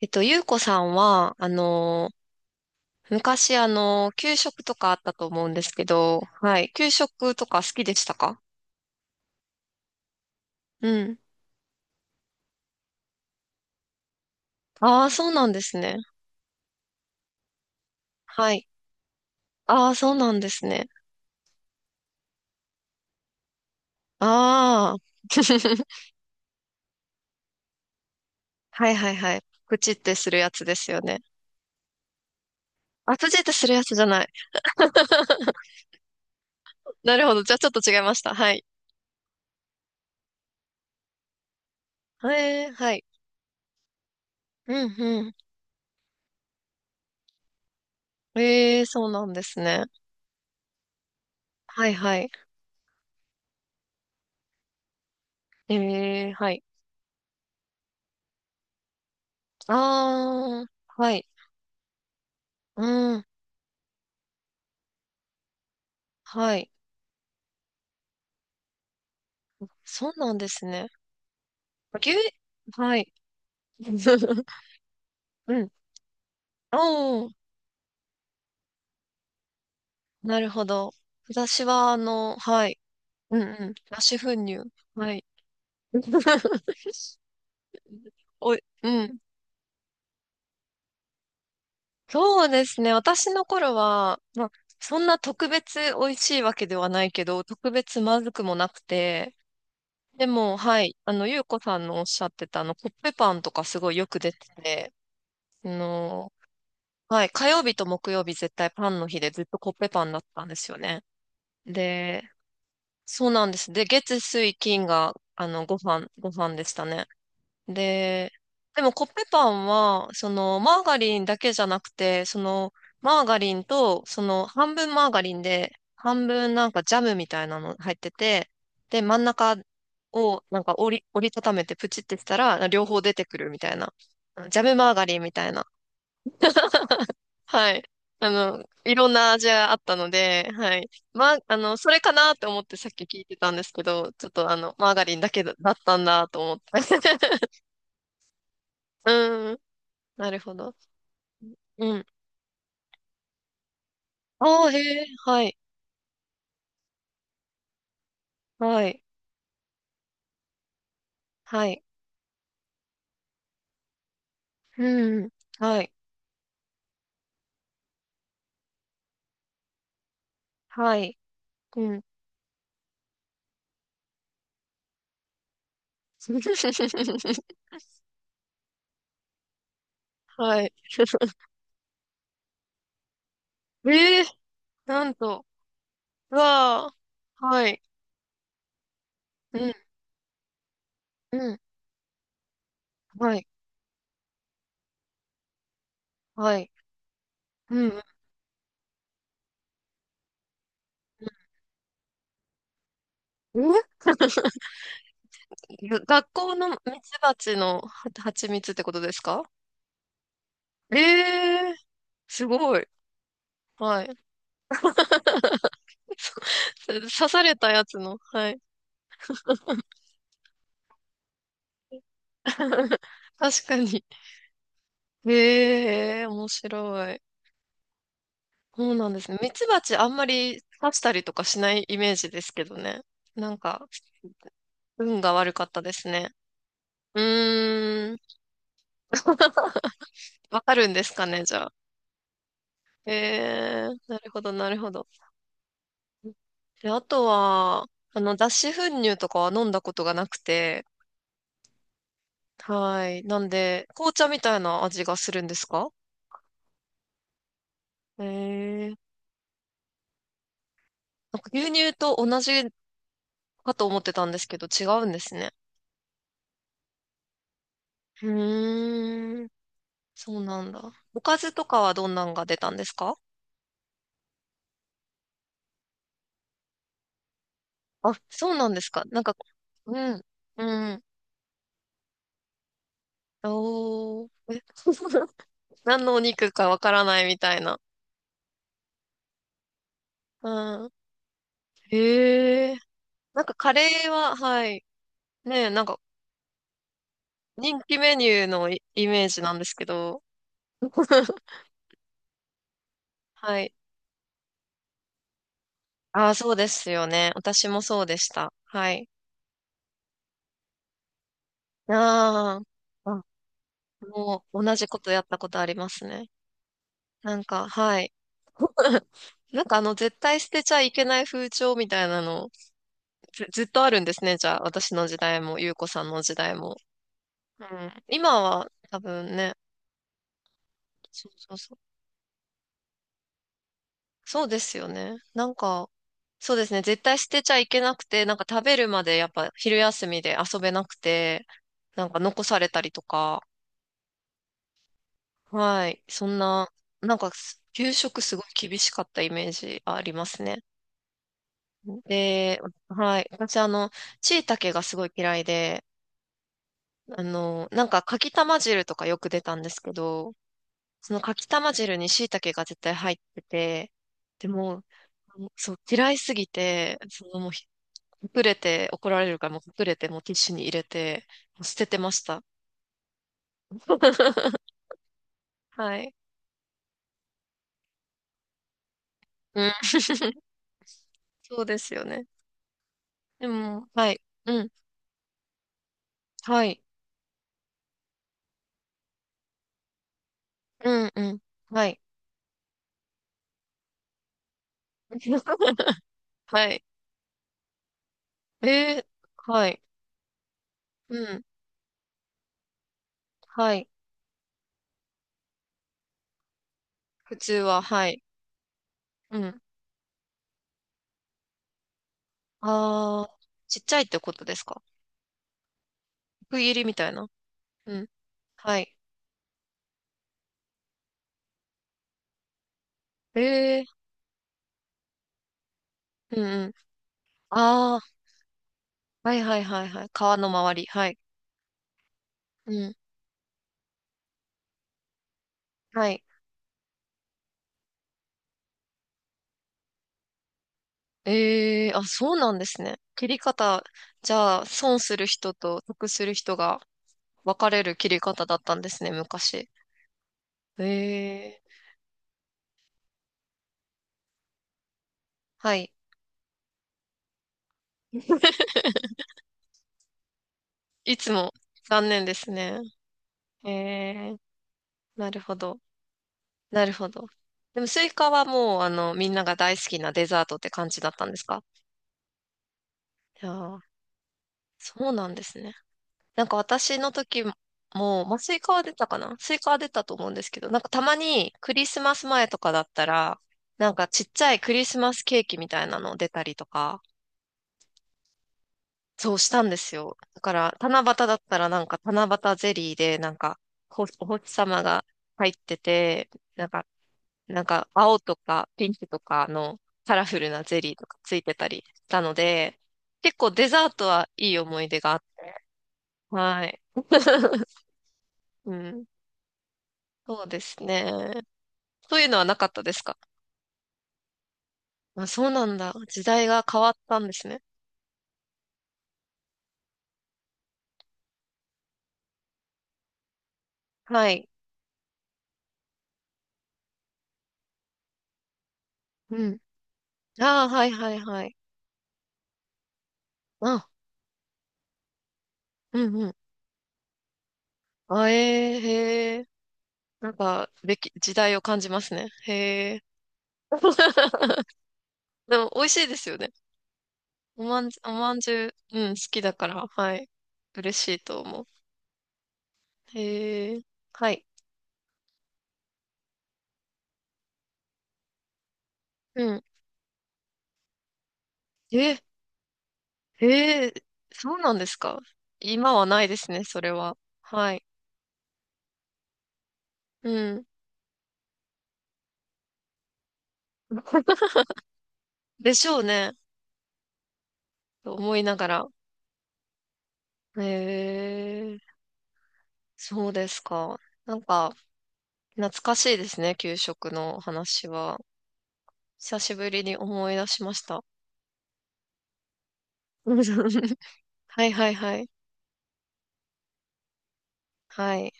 ゆうこさんは、昔、給食とかあったと思うんですけど、はい。給食とか好きでしたか？うん。ああ、そうなんですね。はい。ああ、そうなんですね。ああ。はいはいはい。プチってするやつですよね。あ、プチってするやつじゃない。なるほど。じゃあちょっと違いました。はい。えー、はい。うんうん。えー、そうなんですね。はいはい。えー、はい。あー、はい。うん、はい。そうなんですね。牛、はい。うん。おー、なるほど。私は、はい。うんうん。脱脂粉乳。はい。おい、うん。そうですね。私の頃は、まあ、そんな特別美味しいわけではないけど、特別まずくもなくて、でも、はい。ゆうこさんのおっしゃってた、コッペパンとかすごいよく出てて、あの、はい。火曜日と木曜日絶対パンの日でずっとコッペパンだったんですよね。で、そうなんです。で、月、水、金が、ご飯でしたね。で、でもコッペパンは、マーガリンだけじゃなくて、マーガリンと、半分マーガリンで、半分なんかジャムみたいなの入ってて、で、真ん中をなんか折りたためてプチってしたら、両方出てくるみたいな。ジャムマーガリンみたいな。はい。あの、いろんな味があったので、はい。まあ、あの、それかなと思ってさっき聞いてたんですけど、ちょっとあの、マーガリンだけだ、だったんだと思って。うん。なるほど。うん。ああ、へえ、はい。はい。はい。うん。はい。はい。うん。はい。ええ、なんと。うわあ。はい。うん。うん。はい。はい。うん。うん。え、学校のミツバチの蜂蜜ってことですか？ええー、すごい。はい。刺されたやつの、はい。確かに。ええー、面白い。そうなんですね。ミツバチあんまり刺したりとかしないイメージですけどね。なんか、運が悪かったですね。うーん。わかるんですかね、じゃあ。ええー、なるほど、なるほど。で、あとは、あの、脱脂粉乳とかは飲んだことがなくて、はい。なんで、紅茶みたいな味がするんですか？ええー。なんか牛乳と同じかと思ってたんですけど、違うんですね。うーん。そうなんだ。おかずとかはどんなんが出たんですか？あ、そうなんですか。なんか、うん、うん。おー。え 何のお肉かわからないみたいな。うん。へえ。なんかカレーは、はい。ねえ、なんか人気メニューのイイメージなんですけど。はい。ああ、そうですよね。私もそうでした。はい。ああ、あもう同じことやったことありますね。なんか、はい。なんかあの、絶対捨てちゃいけない風潮みたいなの、ずっとあるんですね。じゃあ、私の時代も、ゆうこさんの時代も。うん。今は多分ね、そうそうそうですよね。なんか、そうですね。絶対捨てちゃいけなくて、なんか食べるまでやっぱ昼休みで遊べなくて、なんか残されたりとか、はい。そんな、なんかす、給食すごい厳しかったイメージありますね。で、はい。私あの、しいたけがすごい嫌いで、あの、なんかかきたま汁とかよく出たんですけど、そのかきたま汁にしいたけが絶対入ってて、でも、そう、嫌いすぎて、そのもう隠れて怒られるから、もう隠れて、もうティッシュに入れて、もう捨ててました。はい。うん。そうですよね。でも、はい。うん。はい。うん、うん。はい。はい。えー、はい。うん。はい。普通は、はい。うん。あー、ちっちゃいってことですか？区切りみたいな。うん。はい。えー、うん、うん。あー、はい、はい、はい、はい。川の周り。はい。うん。はい。ええあ、そうなんですね。切り方、じゃあ、損する人と得する人が分かれる切り方だったんですね、昔。ええはい。いつも残念ですね。ええなるほど。なるほど。でも、スイカはもう、あの、みんなが大好きなデザートって感じだったんですか？いやーそうなんですね。なんか私の時も、まあ、スイカは出たかなスイカは出たと思うんですけど、なんかたまにクリスマス前とかだったら、なんかちっちゃいクリスマスケーキみたいなの出たりとか、そうしたんですよ。だから、七夕だったらなんか七夕ゼリーで、なんか、ほお星様が入ってて、なんか、なんか青とかピンクとかのカラフルなゼリーとかついてたりしたので、結構デザートはいい思い出があって、はい。うんそうですね。そういうのはなかったですか？あ、そうなんだ。時代が変わったんですね。はい。うん。ああ、はいはいはい。あ、うんうん。あ、ええへえ。なんか、べき、時代を感じますね。へえ。でも、美味しいですよね。おまんじゅう、うん、好きだから、はい。嬉しいと思う。へえ。はい。うん。え、へえ、そうなんですか？今はないですね、それは。はい。うん。でしょうね。と思いながら。へえ、そうですか。なんか、懐かしいですね、給食の話は。久しぶりに思い出しました。うん はいはいはい。はい。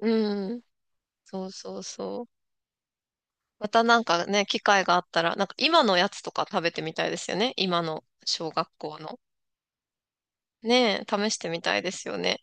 うん。そうそうそう。またなんかね、機会があったら、なんか今のやつとか食べてみたいですよね。今の小学校の。ねえ、試してみたいですよね。